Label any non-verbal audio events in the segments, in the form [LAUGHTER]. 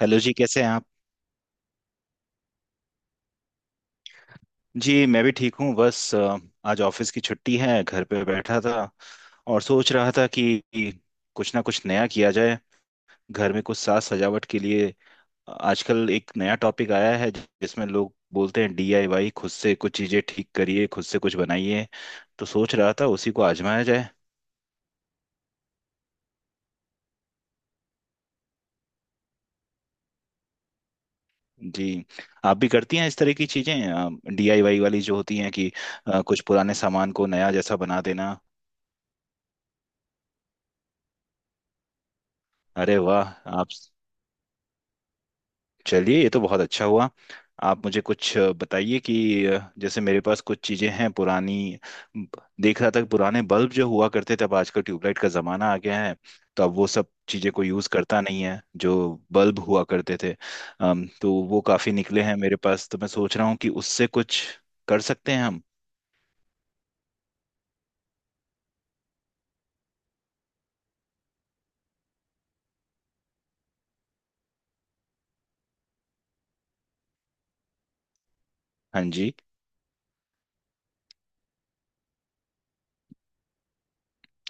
Hello जी। कैसे हैं आप? जी मैं भी ठीक हूँ। बस आज ऑफिस की छुट्टी है, घर पे बैठा था और सोच रहा था कि कुछ ना कुछ नया किया जाए, घर में कुछ साज सजावट के लिए। आजकल एक नया टॉपिक आया है जिसमें लोग बोलते हैं डीआईवाई। खुद से कुछ चीज़ें ठीक करिए, खुद से कुछ बनाइए। तो सोच रहा था उसी को आजमाया जाए। जी, आप भी करती हैं इस तरह की चीज़ें, डीआईवाई वाली जो होती हैं कि कुछ पुराने सामान को नया जैसा बना देना। अरे वाह। आप, चलिए ये तो बहुत अच्छा हुआ। आप मुझे कुछ बताइए कि जैसे मेरे पास कुछ चीज़ें हैं पुरानी। देख रहा था कि पुराने बल्ब जो हुआ करते थे, अब आजकल ट्यूबलाइट का ज़माना आ गया है। तो अब वो सब चीज़ें को यूज़ करता नहीं है जो बल्ब हुआ करते थे। तो वो काफ़ी निकले हैं मेरे पास, तो मैं सोच रहा हूँ कि उससे कुछ कर सकते हैं हम। हाँ जी।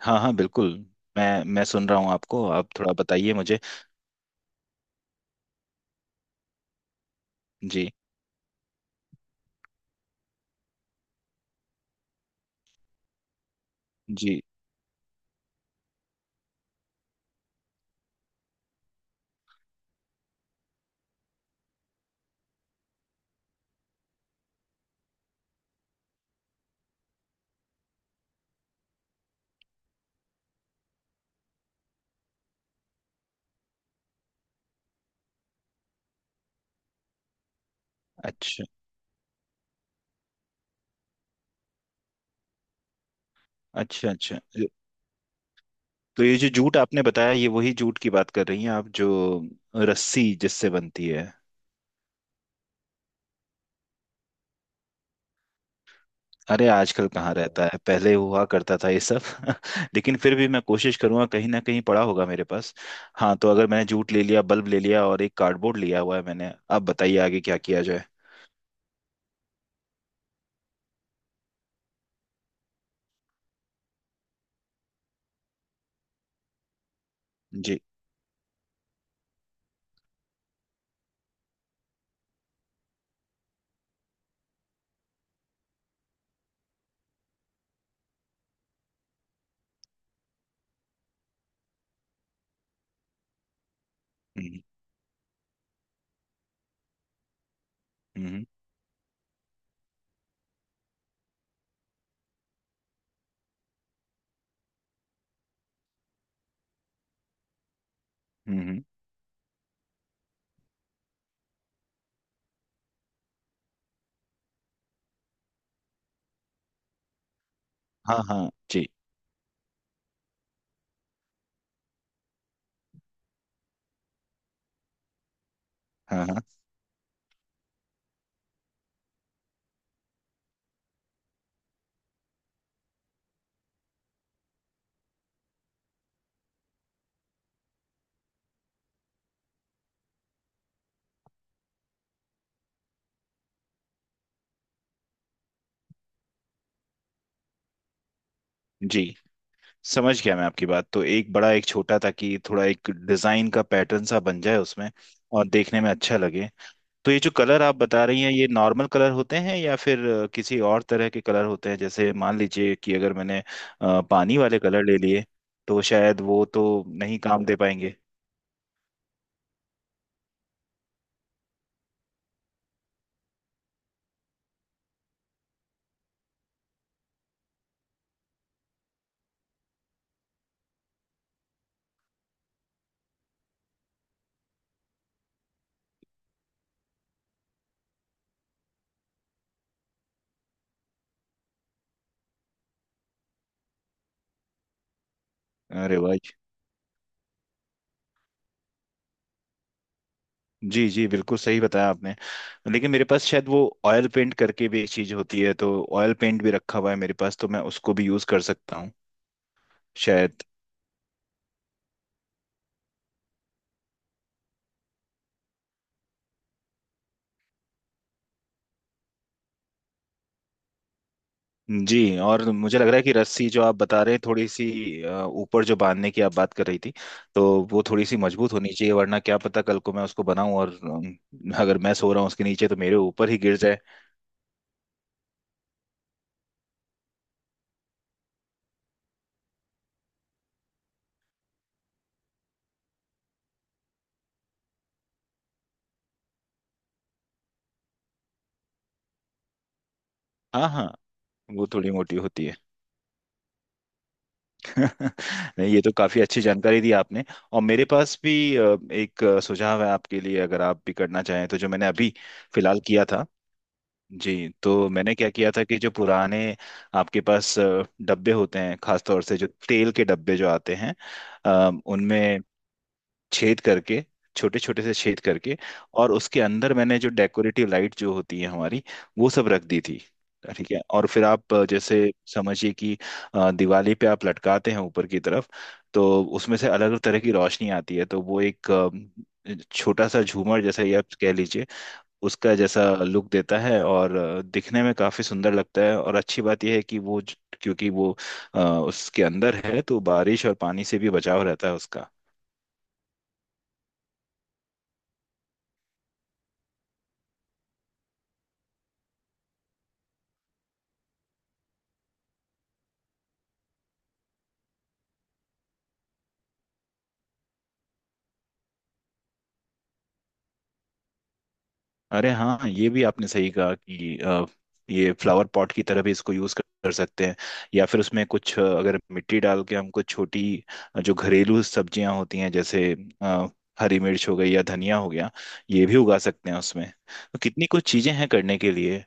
हाँ हाँ बिल्कुल। मैं सुन रहा हूँ आपको। आप थोड़ा बताइए मुझे। जी। जी। अच्छा अच्छा। अच्छा, तो ये जो जूट आपने बताया, ये वही जूट की बात कर रही हैं आप जो रस्सी जिससे बनती है? अरे आजकल कहाँ रहता है, पहले हुआ करता था ये सब। [LAUGHS] लेकिन फिर भी मैं कोशिश करूंगा, कहीं ना कहीं पड़ा होगा मेरे पास। हाँ, तो अगर मैंने जूट ले लिया, बल्ब ले लिया और एक कार्डबोर्ड लिया हुआ है मैंने, अब बताइए आगे क्या किया जाए। जी। हम्म। हम्म। हम्म। हाँ हाँ जी। हाँ हाँ। जी समझ गया मैं आपकी बात। तो एक बड़ा एक छोटा, ताकि थोड़ा एक डिजाइन का पैटर्न सा बन जाए उसमें और देखने में अच्छा लगे। तो ये जो कलर आप बता रही हैं, ये नॉर्मल कलर होते हैं या फिर किसी और तरह के कलर होते हैं? जैसे मान लीजिए कि अगर मैंने पानी वाले कलर ले लिए, तो शायद वो तो नहीं काम दे पाएंगे। अरे वाह। जी जी, बिल्कुल सही बताया आपने। लेकिन मेरे पास शायद वो ऑयल पेंट करके भी एक चीज होती है, तो ऑयल पेंट भी रखा हुआ है मेरे पास, तो मैं उसको भी यूज कर सकता हूँ शायद। जी, और मुझे लग रहा है कि रस्सी जो आप बता रहे हैं थोड़ी सी, ऊपर जो बांधने की आप बात कर रही थी, तो वो थोड़ी सी मजबूत होनी चाहिए, वरना क्या पता कल को मैं उसको बनाऊं और अगर मैं सो रहा हूँ उसके नीचे तो मेरे ऊपर ही गिर जाए। हाँ हाँ। वो थोड़ी मोटी होती है। [LAUGHS] नहीं, ये तो काफी अच्छी जानकारी दी आपने। और मेरे पास भी एक सुझाव है आपके लिए, अगर आप भी करना चाहें, तो जो मैंने अभी फिलहाल किया था। जी, तो मैंने क्या किया था कि जो पुराने आपके पास डब्बे होते हैं, खासतौर से जो तेल के डब्बे जो आते हैं, उनमें छेद करके, छोटे छोटे से छेद करके, और उसके अंदर मैंने जो डेकोरेटिव लाइट जो होती है हमारी, वो सब रख दी थी। ठीक है, और फिर आप जैसे समझिए कि दिवाली पे आप लटकाते हैं ऊपर की तरफ, तो उसमें से अलग अलग तरह की रोशनी आती है। तो वो एक छोटा सा झूमर जैसा, ये आप कह लीजिए, उसका जैसा लुक देता है और दिखने में काफी सुंदर लगता है। और अच्छी बात यह है कि वो क्योंकि वो उसके अंदर है, तो बारिश और पानी से भी बचाव रहता है उसका। अरे हाँ, ये भी आपने सही कहा कि ये फ्लावर पॉट की तरह भी इसको यूज कर कर सकते हैं। या फिर उसमें कुछ अगर मिट्टी डाल के हम कुछ छोटी जो घरेलू सब्जियां होती हैं, जैसे अ, हरी मिर्च हो गई या धनिया हो गया, ये भी उगा सकते हैं उसमें। तो कितनी कुछ चीजें हैं करने के लिए।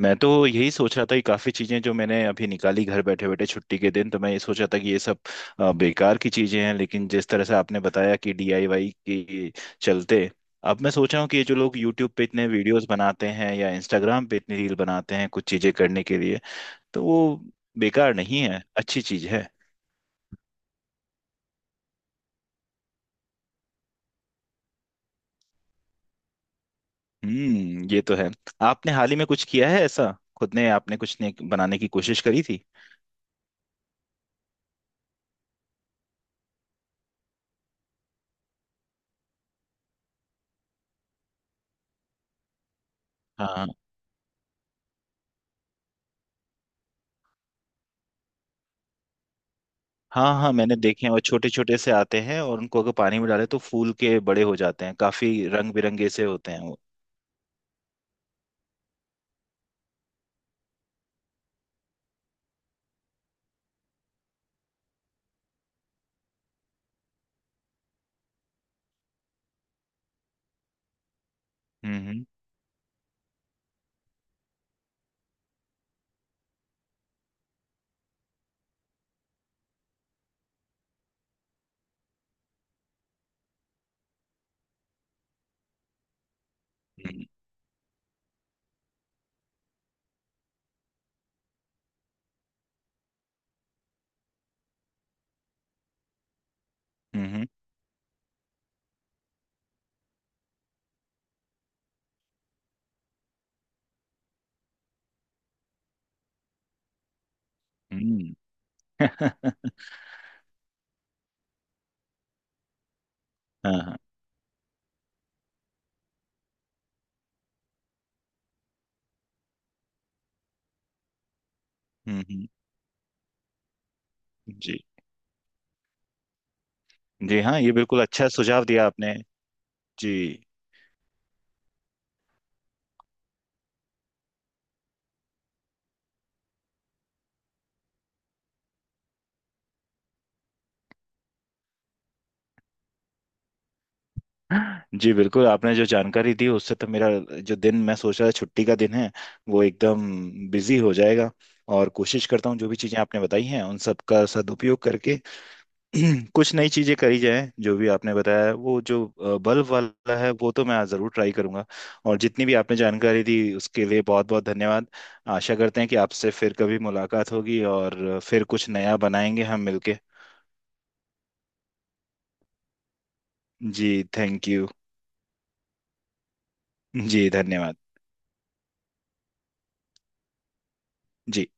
मैं तो यही सोच रहा था कि काफ़ी चीज़ें जो मैंने अभी निकाली घर बैठे बैठे छुट्टी के दिन, तो मैं ये सोच रहा था कि ये सब बेकार की चीज़ें हैं। लेकिन जिस तरह से आपने बताया कि डीआईवाई के चलते, अब मैं सोच रहा हूँ कि ये जो लोग यूट्यूब पे इतने वीडियोस बनाते हैं या इंस्टाग्राम पे इतनी रील बनाते हैं कुछ चीज़ें करने के लिए, तो वो बेकार नहीं है, अच्छी चीज़ है। हम्म, ये तो है। आपने हाल ही में कुछ किया है ऐसा? खुद ने आपने कुछ ने बनाने की कोशिश करी थी? हाँ हाँ, मैंने देखे हैं वो, छोटे छोटे से आते हैं और उनको अगर पानी में डाले तो फूल के बड़े हो जाते हैं, काफी रंग बिरंगे से होते हैं वो। हम्म। हम्म। हम्म। हम्म। हम्म। [LAUGHS] हाँ हाँ। हम्म, हम्म। जी। जी हाँ, ये बिल्कुल अच्छा सुझाव दिया आपने। जी। जी बिल्कुल, आपने जो जानकारी दी उससे तो मेरा जो दिन मैं सोच रहा था छुट्टी का दिन है, वो एकदम बिजी हो जाएगा। और कोशिश करता हूँ जो भी चीजें आपने बताई हैं उन सब का सदुपयोग करके [CLEARS THROAT] कुछ नई चीजें करी जाए, जो भी आपने बताया है। वो जो बल्ब वाला है, वो तो मैं जरूर ट्राई करूंगा। और जितनी भी आपने जानकारी दी उसके लिए बहुत बहुत धन्यवाद। आशा करते हैं कि आपसे फिर कभी मुलाकात होगी और फिर कुछ नया बनाएंगे हम मिलके। जी थैंक यू। जी धन्यवाद। जी।